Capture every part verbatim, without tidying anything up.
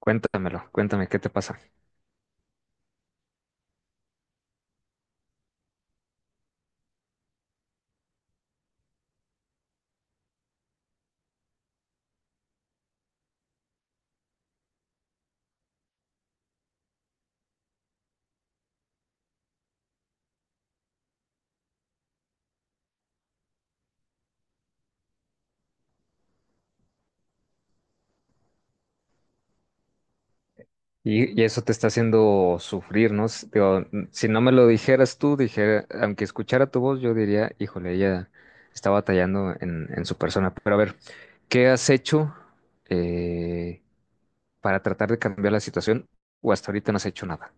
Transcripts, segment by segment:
Cuéntamelo, cuéntame qué te pasa. Y, y eso te está haciendo sufrir, ¿no? S- digo, n- si no me lo dijeras tú, dijera, aunque escuchara tu voz, yo diría, híjole, ella está batallando en, en su persona. Pero a ver, ¿qué has hecho eh, para tratar de cambiar la situación? O hasta ahorita no has hecho nada.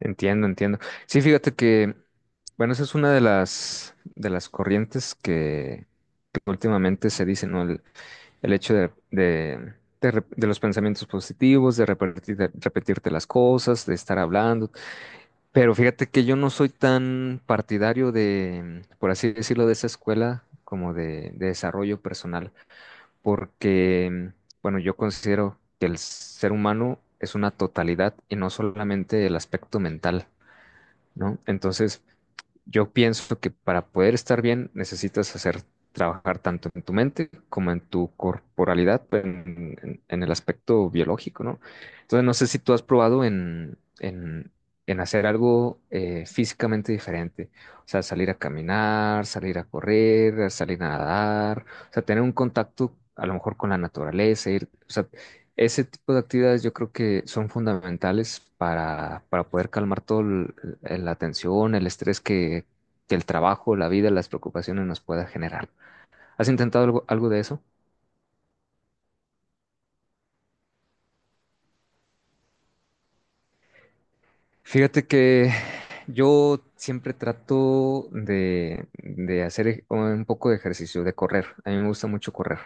Entiendo, entiendo. Sí, fíjate que, bueno, esa es una de las, de las corrientes que, que últimamente se dicen, ¿no? El hecho de, de, de rep- de los pensamientos positivos, de repetir, de repetirte las cosas, de estar hablando. Pero fíjate que yo no soy tan partidario de, por así decirlo, de esa escuela como de, de desarrollo personal, porque, bueno, yo considero que el ser humano es una totalidad y no solamente el aspecto mental, ¿no? Entonces, yo pienso que para poder estar bien necesitas hacer trabajar tanto en tu mente como en tu corporalidad, en, en- en el aspecto biológico, ¿no? Entonces, no sé si tú has probado en, en- en hacer algo eh, físicamente diferente, o sea, salir a caminar, salir a correr, salir a nadar, o sea, tener un contacto a lo mejor con la naturaleza, ir, o sea, ese tipo de actividades yo creo que son fundamentales para, para poder calmar todo el- el- la tensión, el estrés que, que el trabajo, la vida, las preocupaciones nos pueda generar. ¿Has intentado algo, algo de eso? Fíjate que yo siempre trato de, de hacer ej- un poco de ejercicio, de correr. A mí me gusta mucho correr.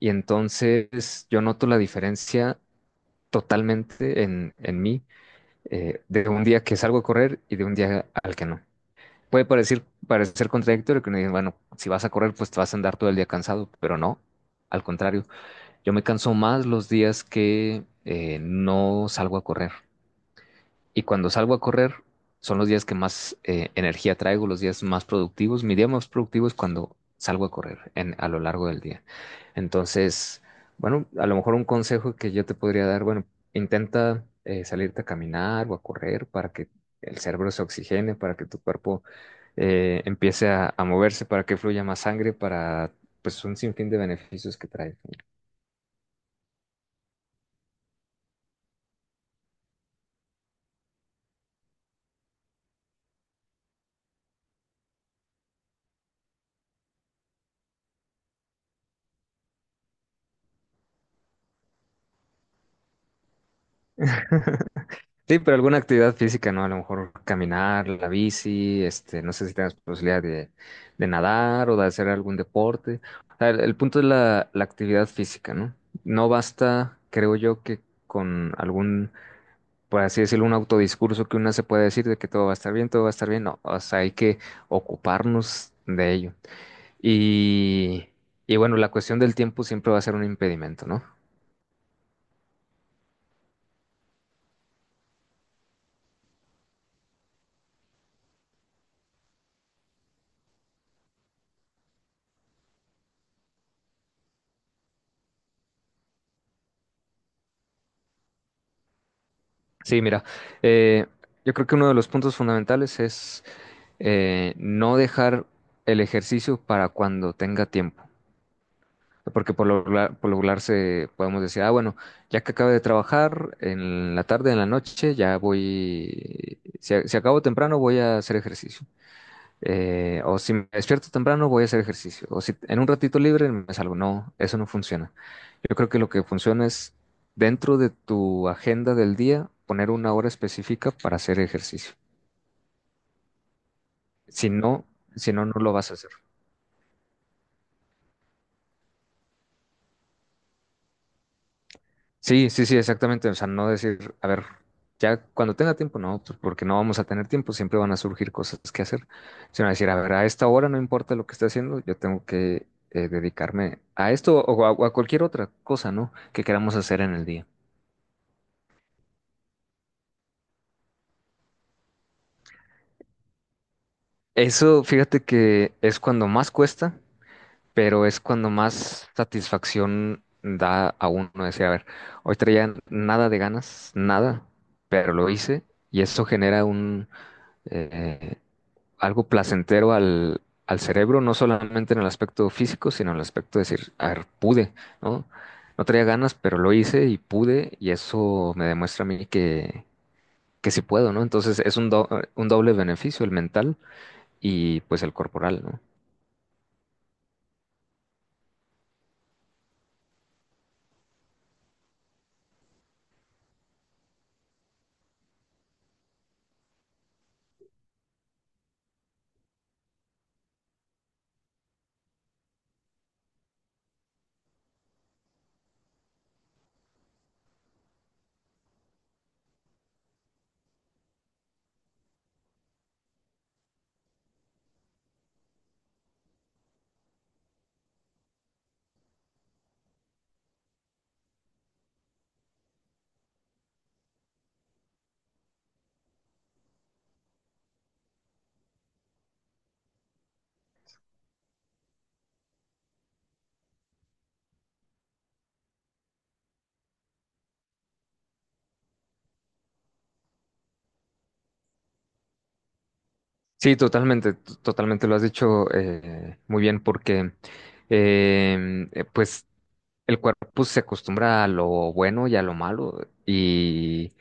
Y entonces yo noto la diferencia totalmente en, en mí eh, de un día que salgo a correr y de un día al que no. Puede parecer, parecer contradictorio que uno dice, bueno, si vas a correr, pues te vas a andar todo el día cansado, pero no, al contrario, yo me canso más los días que eh, no salgo a correr. Y cuando salgo a correr, son los días que más eh, energía traigo, los días más productivos. Mi día más productivo es cuando salgo a correr en, a lo largo del día. Entonces, bueno, a lo mejor un consejo que yo te podría dar, bueno, intenta eh, salirte a caminar o a correr para que el cerebro se oxigene, para que tu cuerpo eh, empiece a, a moverse, para que fluya más sangre, para pues un sinfín de beneficios que trae. Sí, pero alguna actividad física, ¿no? A lo mejor caminar, la bici, este, no sé si tengas posibilidad de, de nadar o de hacer algún deporte. O sea, el, el punto es la, la actividad física, ¿no? No basta, creo yo, que con algún, por así decirlo, un autodiscurso que uno se puede decir de que todo va a estar bien, todo va a estar bien. No, o sea, hay que ocuparnos de ello. Y, y bueno, la cuestión del tiempo siempre va a ser un impedimento, ¿no? Sí, mira, eh, yo creo que uno de los puntos fundamentales es eh, no dejar el ejercicio para cuando tenga tiempo. Porque por lo regular, por lo regular se, podemos decir, ah, bueno, ya que acabe de trabajar en la tarde, en la noche, ya voy, si, a- si acabo temprano voy a hacer ejercicio. Eh, o si me despierto temprano voy a hacer ejercicio. O si en un ratito libre me salgo. No, eso no funciona. Yo creo que lo que funciona es dentro de tu agenda del día poner una hora específica para hacer ejercicio. Si no, si no, no lo vas a hacer. Sí, sí, sí, exactamente. O sea, no decir, a ver, ya cuando tenga tiempo, no, pues porque no vamos a tener tiempo, siempre van a surgir cosas que hacer, sino decir, a ver, a esta hora no importa lo que esté haciendo, yo tengo que eh, dedicarme a esto o a, o a cualquier otra cosa, ¿no? Que queramos hacer en el día. Eso, fíjate que es cuando más cuesta, pero es cuando más satisfacción da a uno decir, a ver, hoy traía nada de ganas, nada, pero lo hice y eso genera un eh, algo placentero al, al cerebro, no solamente en el aspecto físico, sino en el aspecto de decir, a ver, pude, ¿no? No traía ganas, pero lo hice y pude, y eso me demuestra a mí que, que sí puedo, ¿no? Entonces es un, do- un doble beneficio, el mental y pues el corporal, ¿no? Sí, totalmente, t- totalmente lo has dicho eh, muy bien, porque eh, eh, pues el cuerpo se acostumbra a lo bueno y a lo malo, y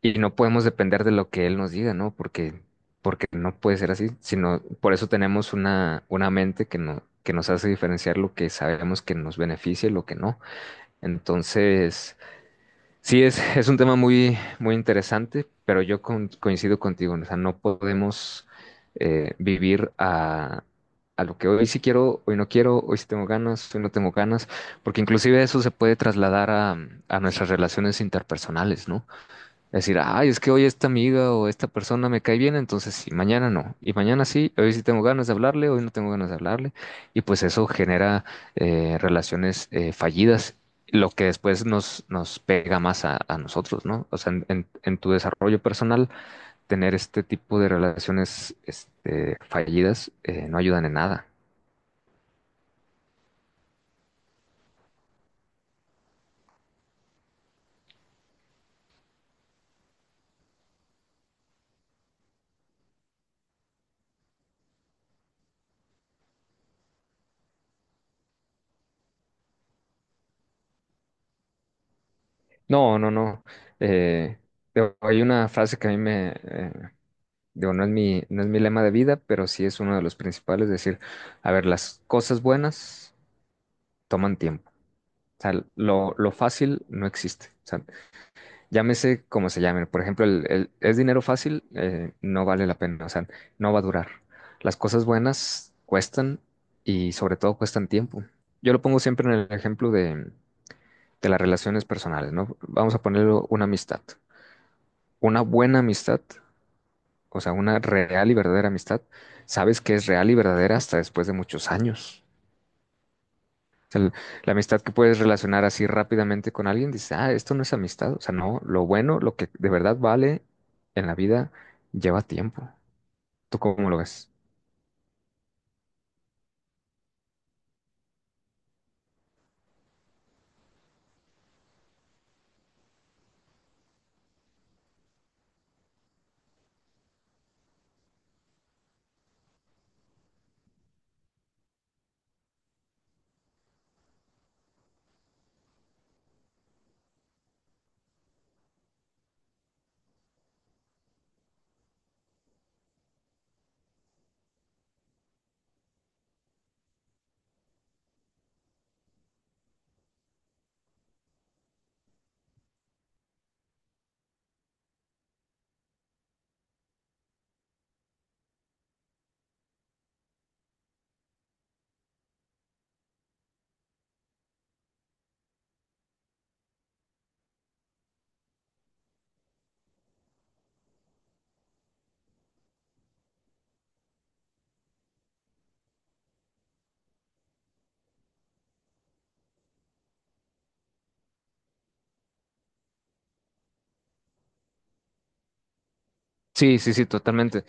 Y no podemos depender de lo que él nos diga, ¿no? Porque, porque no puede ser así, sino por eso tenemos una, una mente que no, que nos hace diferenciar lo que sabemos que nos beneficia y lo que no. Entonces, sí, es, es un tema muy, muy interesante, pero yo con- coincido contigo, ¿no? O sea, no podemos eh, vivir a, a lo que hoy sí quiero, hoy no quiero, hoy sí tengo ganas, hoy no tengo ganas, porque inclusive eso se puede trasladar a, a nuestras relaciones interpersonales, ¿no? Decir, ay, es que hoy esta amiga o esta persona me cae bien, entonces sí, mañana no. Y mañana sí, hoy sí tengo ganas de hablarle, hoy no tengo ganas de hablarle. Y pues eso genera eh, relaciones eh, fallidas, lo que después nos, nos pega más a, a nosotros, ¿no? O sea, en, en- en tu desarrollo personal, tener este tipo de relaciones este, fallidas eh, no ayudan en nada. No, no, no. Eh, hay una frase que a mí me, eh, digo, no es mi, no es mi lema de vida, pero sí es uno de los principales, decir, a ver, las cosas buenas toman tiempo. O sea, lo, lo fácil no existe. O sea, llámese como se llame. Por ejemplo, el, el- es dinero fácil, eh, no vale la pena. O sea, no va a durar. Las cosas buenas cuestan y sobre todo cuestan tiempo. Yo lo pongo siempre en el ejemplo de, de las relaciones personales, ¿no? Vamos a ponerlo una amistad. Una buena amistad, o sea, una real y verdadera amistad, sabes que es real y verdadera hasta después de muchos años. O sea, el- la amistad que puedes relacionar así rápidamente con alguien, dices, ah, esto no es amistad. O sea, no, lo bueno, lo que de verdad vale en la vida, lleva tiempo. ¿Tú cómo lo ves? Sí, sí, sí, totalmente.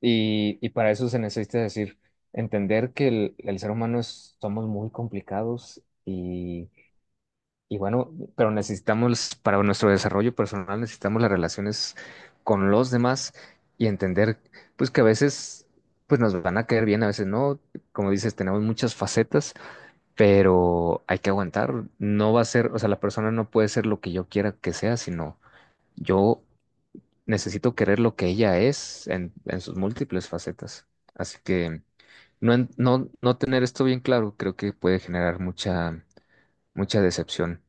Y, y para eso se necesita decir, entender que el, el ser humano es- somos muy complicados y Y bueno, pero necesitamos, para nuestro desarrollo personal, necesitamos las relaciones con los demás y entender, pues que a veces, pues nos van a caer bien, a veces no. Como dices, tenemos muchas facetas, pero hay que aguantar. No va a ser, o sea, la persona no puede ser lo que yo quiera que sea, sino yo necesito querer lo que ella es en, en sus múltiples facetas. Así que no, en- no, no tener esto bien claro, creo que puede generar mucha, mucha decepción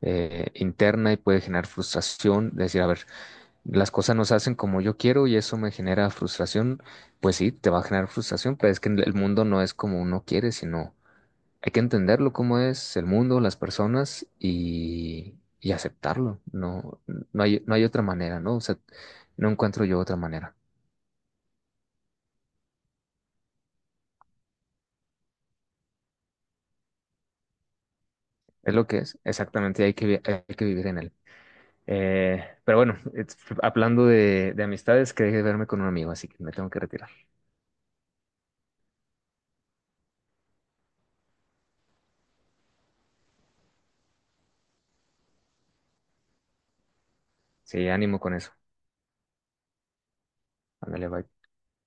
eh, interna y puede generar frustración, decir, a ver, las cosas no se hacen como yo quiero y eso me genera frustración, pues sí, te va a generar frustración, pero es que el mundo no es como uno quiere, sino hay que entenderlo como es el mundo, las personas y, y aceptarlo, no, no hay, no hay otra manera, ¿no? O sea, no encuentro yo otra manera. Es lo que es, exactamente, hay que, vi- hay que vivir en él. Eh, pero bueno, it's- hablando de, de amistades, quería verme con un amigo, así que me tengo que retirar. Sí, ánimo con eso. Ándale, bye.